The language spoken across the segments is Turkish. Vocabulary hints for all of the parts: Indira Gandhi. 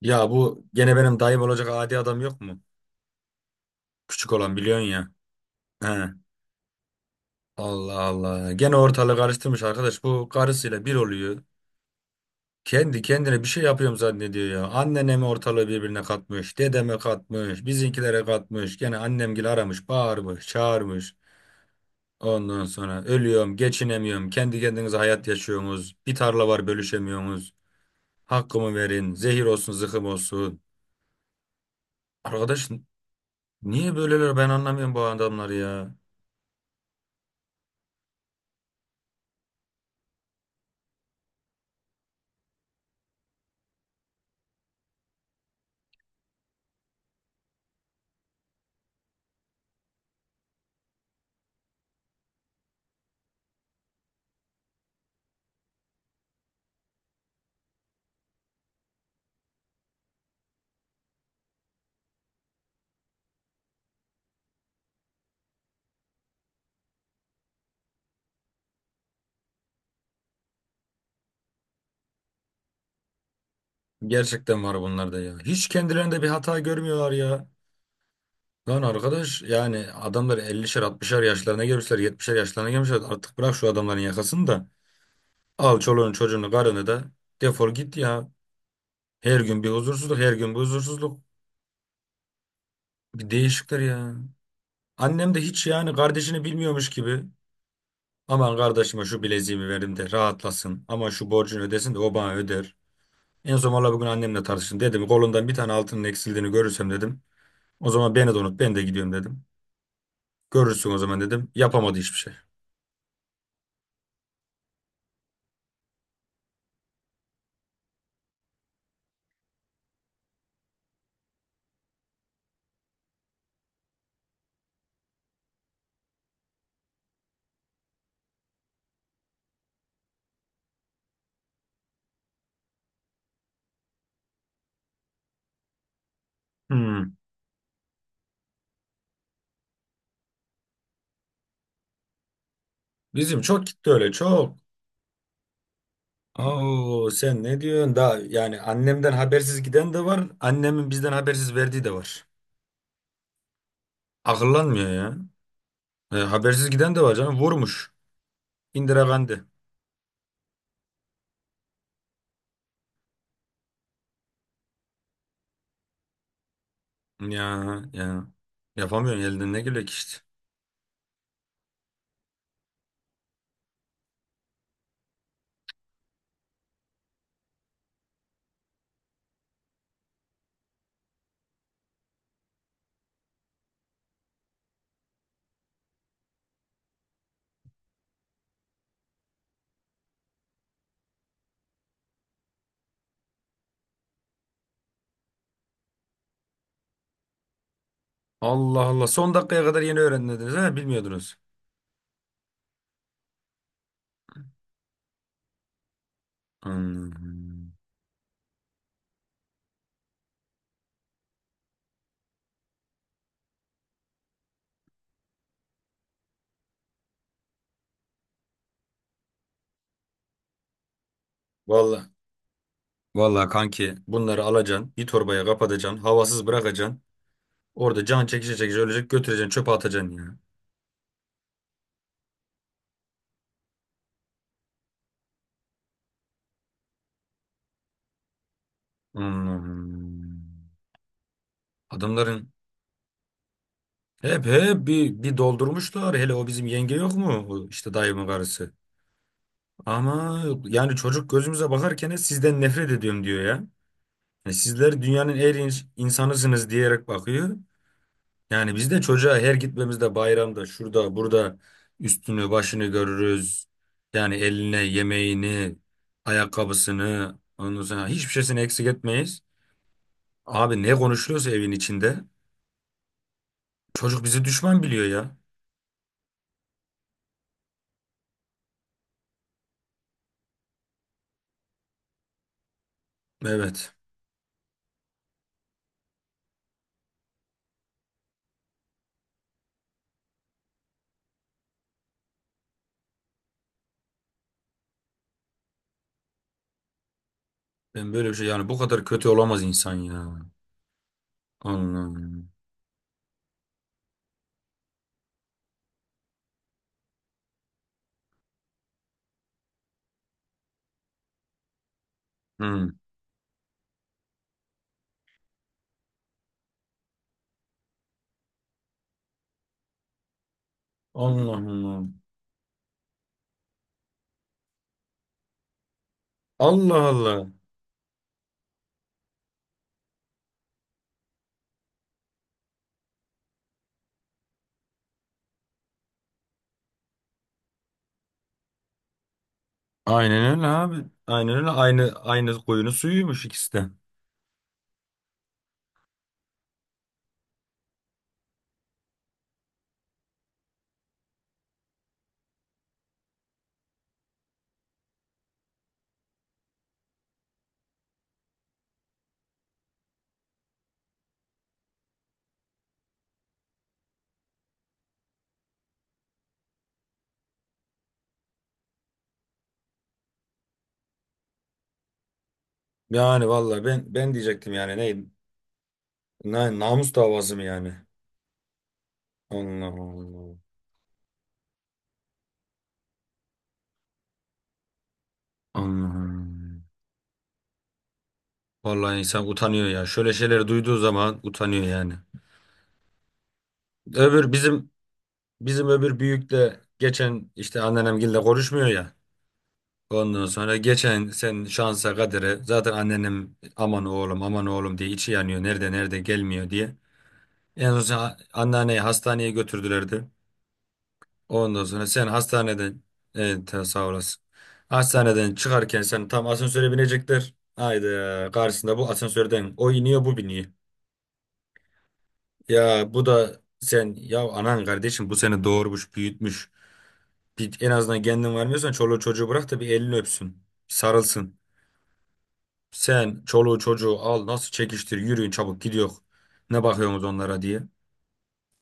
Ya bu gene benim dayım olacak adi adam yok mu? Küçük olan biliyorsun ya. He. Allah Allah. Gene ortalığı karıştırmış arkadaş. Bu karısıyla bir oluyor. Kendi kendine bir şey yapıyorum zannediyor ya. Annene mi ortalığı birbirine katmış, dedeme katmış, bizimkilere katmış. Gene annemgili aramış, bağırmış, çağırmış. Ondan sonra ölüyorum, geçinemiyorum. Kendi kendinize hayat yaşıyorsunuz. Bir tarla var bölüşemiyorsunuz. Hakkımı verin, zehir olsun, zıkkım olsun. Arkadaş niye böyleler ben anlamıyorum bu adamları ya. Gerçekten var bunlarda ya. Hiç kendilerinde bir hata görmüyorlar ya. Lan arkadaş yani adamlar 50'şer 60'şer yaşlarına gelmişler 70'şer yaşlarına gelmişler. Artık bırak şu adamların yakasını da al çoluğunu çocuğunu karını da defol git ya. Her gün bir huzursuzluk, her gün bir huzursuzluk. Bir değişikler ya. Annem de hiç yani kardeşini bilmiyormuş gibi. Aman kardeşime şu bileziğimi verim de rahatlasın. Aman şu borcunu ödesin de o bana öder. En son valla bugün annemle tartıştım. Dedim kolundan bir tane altının eksildiğini görürsem dedim. O zaman beni de unut, ben de gidiyorum dedim. Görürsün o zaman dedim. Yapamadı hiçbir şey. Hmm. Bizim çok gitti öyle, çok. Oo, sen ne diyorsun? Daha yani annemden habersiz giden de var. Annemin bizden habersiz verdiği de var. Akıllanmıyor ya. E, habersiz giden de var canım. Vurmuş. Indira Gandhi. Ya ya. Yapamıyorsun, elden ne geliyor ki işte. Allah Allah. Son dakikaya kadar yeni öğrendiniz ha, bilmiyordunuz. Hmm. Vallahi. Vallahi kanki bunları alacaksın. Bir torbaya kapatacaksın. Havasız bırakacaksın. Orada can çekişe çekişe ölecek, götüreceksin çöpe atacaksın ya. Hmm. Adamların hep bir doldurmuşlar. Hele o bizim yenge yok mu? O İşte dayımın karısı. Ama yani çocuk gözümüze bakarken sizden nefret ediyorum diyor ya. Yani sizler dünyanın en iyi insanısınız diyerek bakıyor. Yani biz de çocuğa her gitmemizde bayramda şurada burada üstünü başını görürüz. Yani eline yemeğini, ayakkabısını, ondan sonra hiçbir şeysini eksik etmeyiz. Abi ne konuşuluyorsa evin içinde çocuk bizi düşman biliyor ya. Evet. Ben böyle bir şey yani bu kadar kötü olamaz insan ya. Allah'ım. Hı. Allah'ım. Allah Allah. Allah. Aynen öyle abi. Aynen öyle. Aynı aynı koyunun suyuymuş ikisi de. Yani vallahi ben diyecektim yani ne namus davası mı yani? Allah Allah. Allah'ım. Vallahi insan utanıyor ya. Şöyle şeyleri duyduğu zaman utanıyor yani. Öbür bizim Bizim öbür büyük de geçen işte anneannemgille konuşmuyor ya. Ondan sonra geçen sen şansa kadere zaten anneannem aman oğlum aman oğlum diye içi yanıyor. Nerede nerede gelmiyor diye. En son anneanneyi hastaneye götürdülerdi. Ondan sonra sen hastaneden, evet ha, sağ olasın. Hastaneden çıkarken sen tam asansöre binecekler. Haydi karşısında bu asansörden o iniyor, bu biniyor. Ya bu da sen, ya anan kardeşim, bu seni doğurmuş büyütmüş. Bir, en azından kendin varmıyorsan çoluğu çocuğu bırak da bir elini öpsün. Bir sarılsın. Sen çoluğu çocuğu al nasıl çekiştir yürüyün çabuk gidiyor. Ne bakıyorsunuz onlara diye.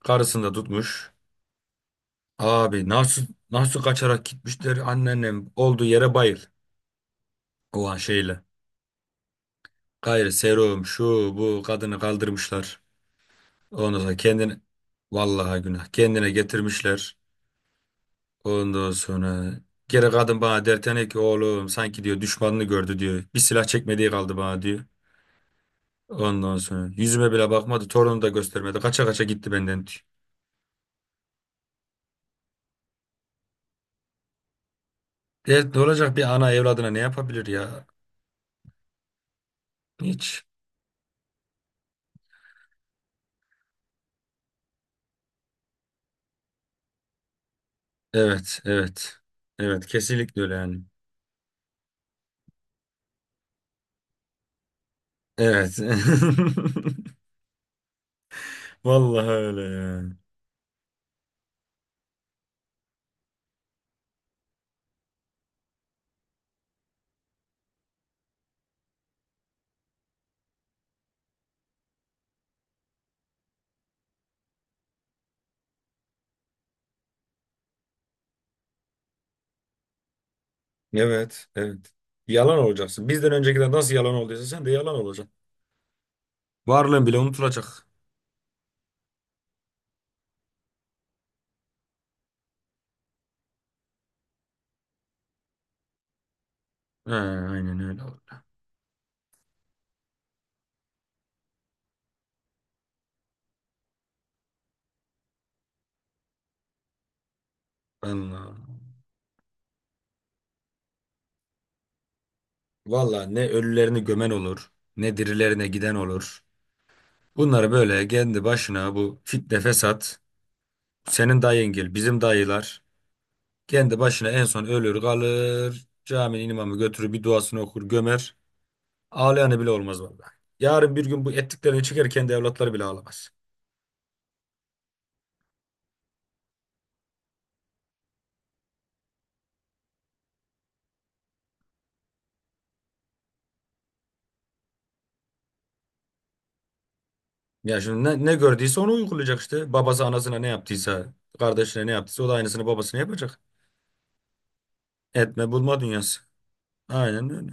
Karısını da tutmuş. Abi nasıl kaçarak gitmişler anneannem olduğu yere bayıl. O an şeyle. Gayrı serum şu bu kadını kaldırmışlar. Ondan sonra kendini vallahi günah kendine getirmişler. Ondan sonra geri kadın bana dertene ki oğlum sanki diyor düşmanını gördü diyor. Bir silah çekmediği kaldı bana diyor. Ondan sonra yüzüme bile bakmadı. Torunu da göstermedi. Kaça kaça gitti benden, diyor. Evet, ne olacak, bir ana evladına ne yapabilir ya? Hiç. Evet, evet. Evet, kesinlikle öyle yani. Evet. Vallahi öyle yani. Evet, evet. Yalan olacaksın. Bizden öncekiler nasıl yalan olduysa sen de yalan olacaksın. Varlığın bile unutulacak. He, aynen öyle. Oldu. Allah. Vallahi ne ölülerini gömen olur, ne dirilerine giden olur. Bunları böyle kendi başına bu fitne fesat, senin dayıngil, bizim dayılar. Kendi başına en son ölür kalır. Caminin imamı götürür bir duasını okur gömer. Ağlayanı bile olmaz vallahi. Yarın bir gün bu ettiklerini çeker, kendi evlatları bile ağlamaz. Ya şimdi ne gördüyse onu uygulayacak işte. Babası anasına ne yaptıysa, kardeşine ne yaptıysa o da aynısını babasına yapacak. Etme bulma dünyası. Aynen öyle.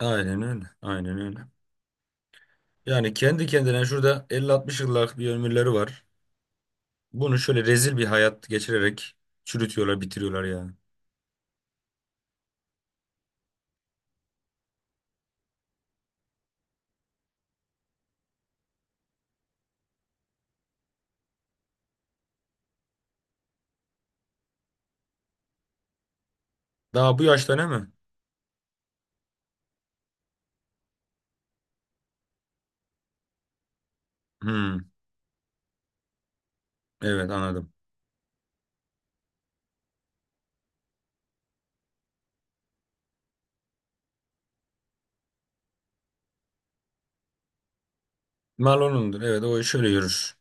Aynen öyle. Aynen öyle. Yani kendi kendine şurada 50-60 yıllık bir ömürleri var. Bunu şöyle rezil bir hayat geçirerek çürütüyorlar, bitiriyorlar ya. Daha bu yaşta ne mi? Hmm, evet anladım. Marlon'undur. Evet o şöyle yürür.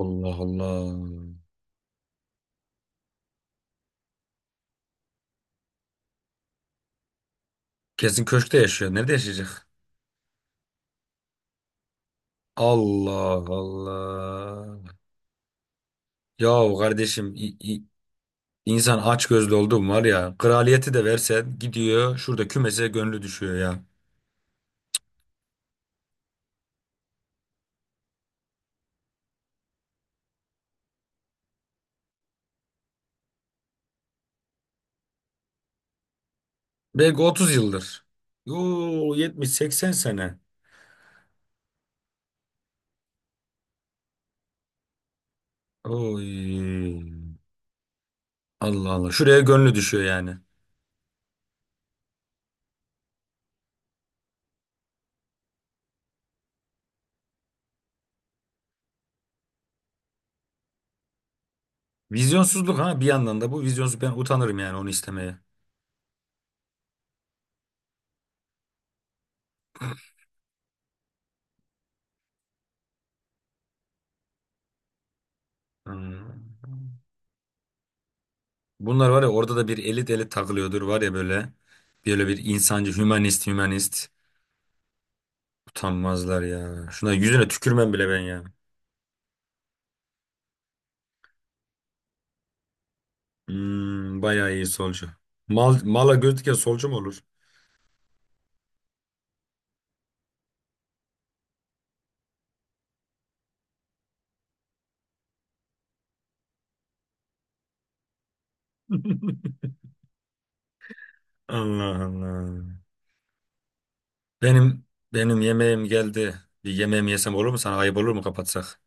Allah Allah. Kesin köşkte yaşıyor. Nerede yaşayacak? Allah Allah. Yahu kardeşim insan aç gözlü oldu mu var ya. Kraliyeti de versen gidiyor şurada kümese gönlü düşüyor ya. Belki 30 yıldır. Yo 70-80 sene. Oy. Allah Allah. Şuraya gönlü düşüyor yani. Vizyonsuzluk, ha bir yandan da bu vizyonsuz, ben utanırım yani onu istemeye. Hmm. Bunlar var ya orada da bir elit elit takılıyordur var ya böyle. Böyle bir insancı, hümanist, hümanist. Utanmazlar ya. Şuna yüzüne tükürmem bile ben ya. Hmm, bayağı iyi solcu. Mal, mala göz diken solcu mu olur? Allah Allah. Benim benim yemeğim geldi. Bir yemeğimi yesem olur mu sana? Ayıp olur mu kapatsak?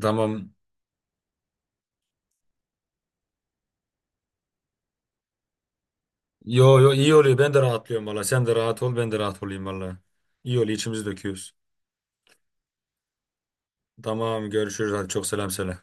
Tamam. Yo yo iyi oluyor. Ben de rahatlıyorum valla. Sen de rahat ol, ben de rahat olayım valla. İyi oluyor, içimizi döküyoruz. Tamam görüşürüz. Hadi çok selam söyle.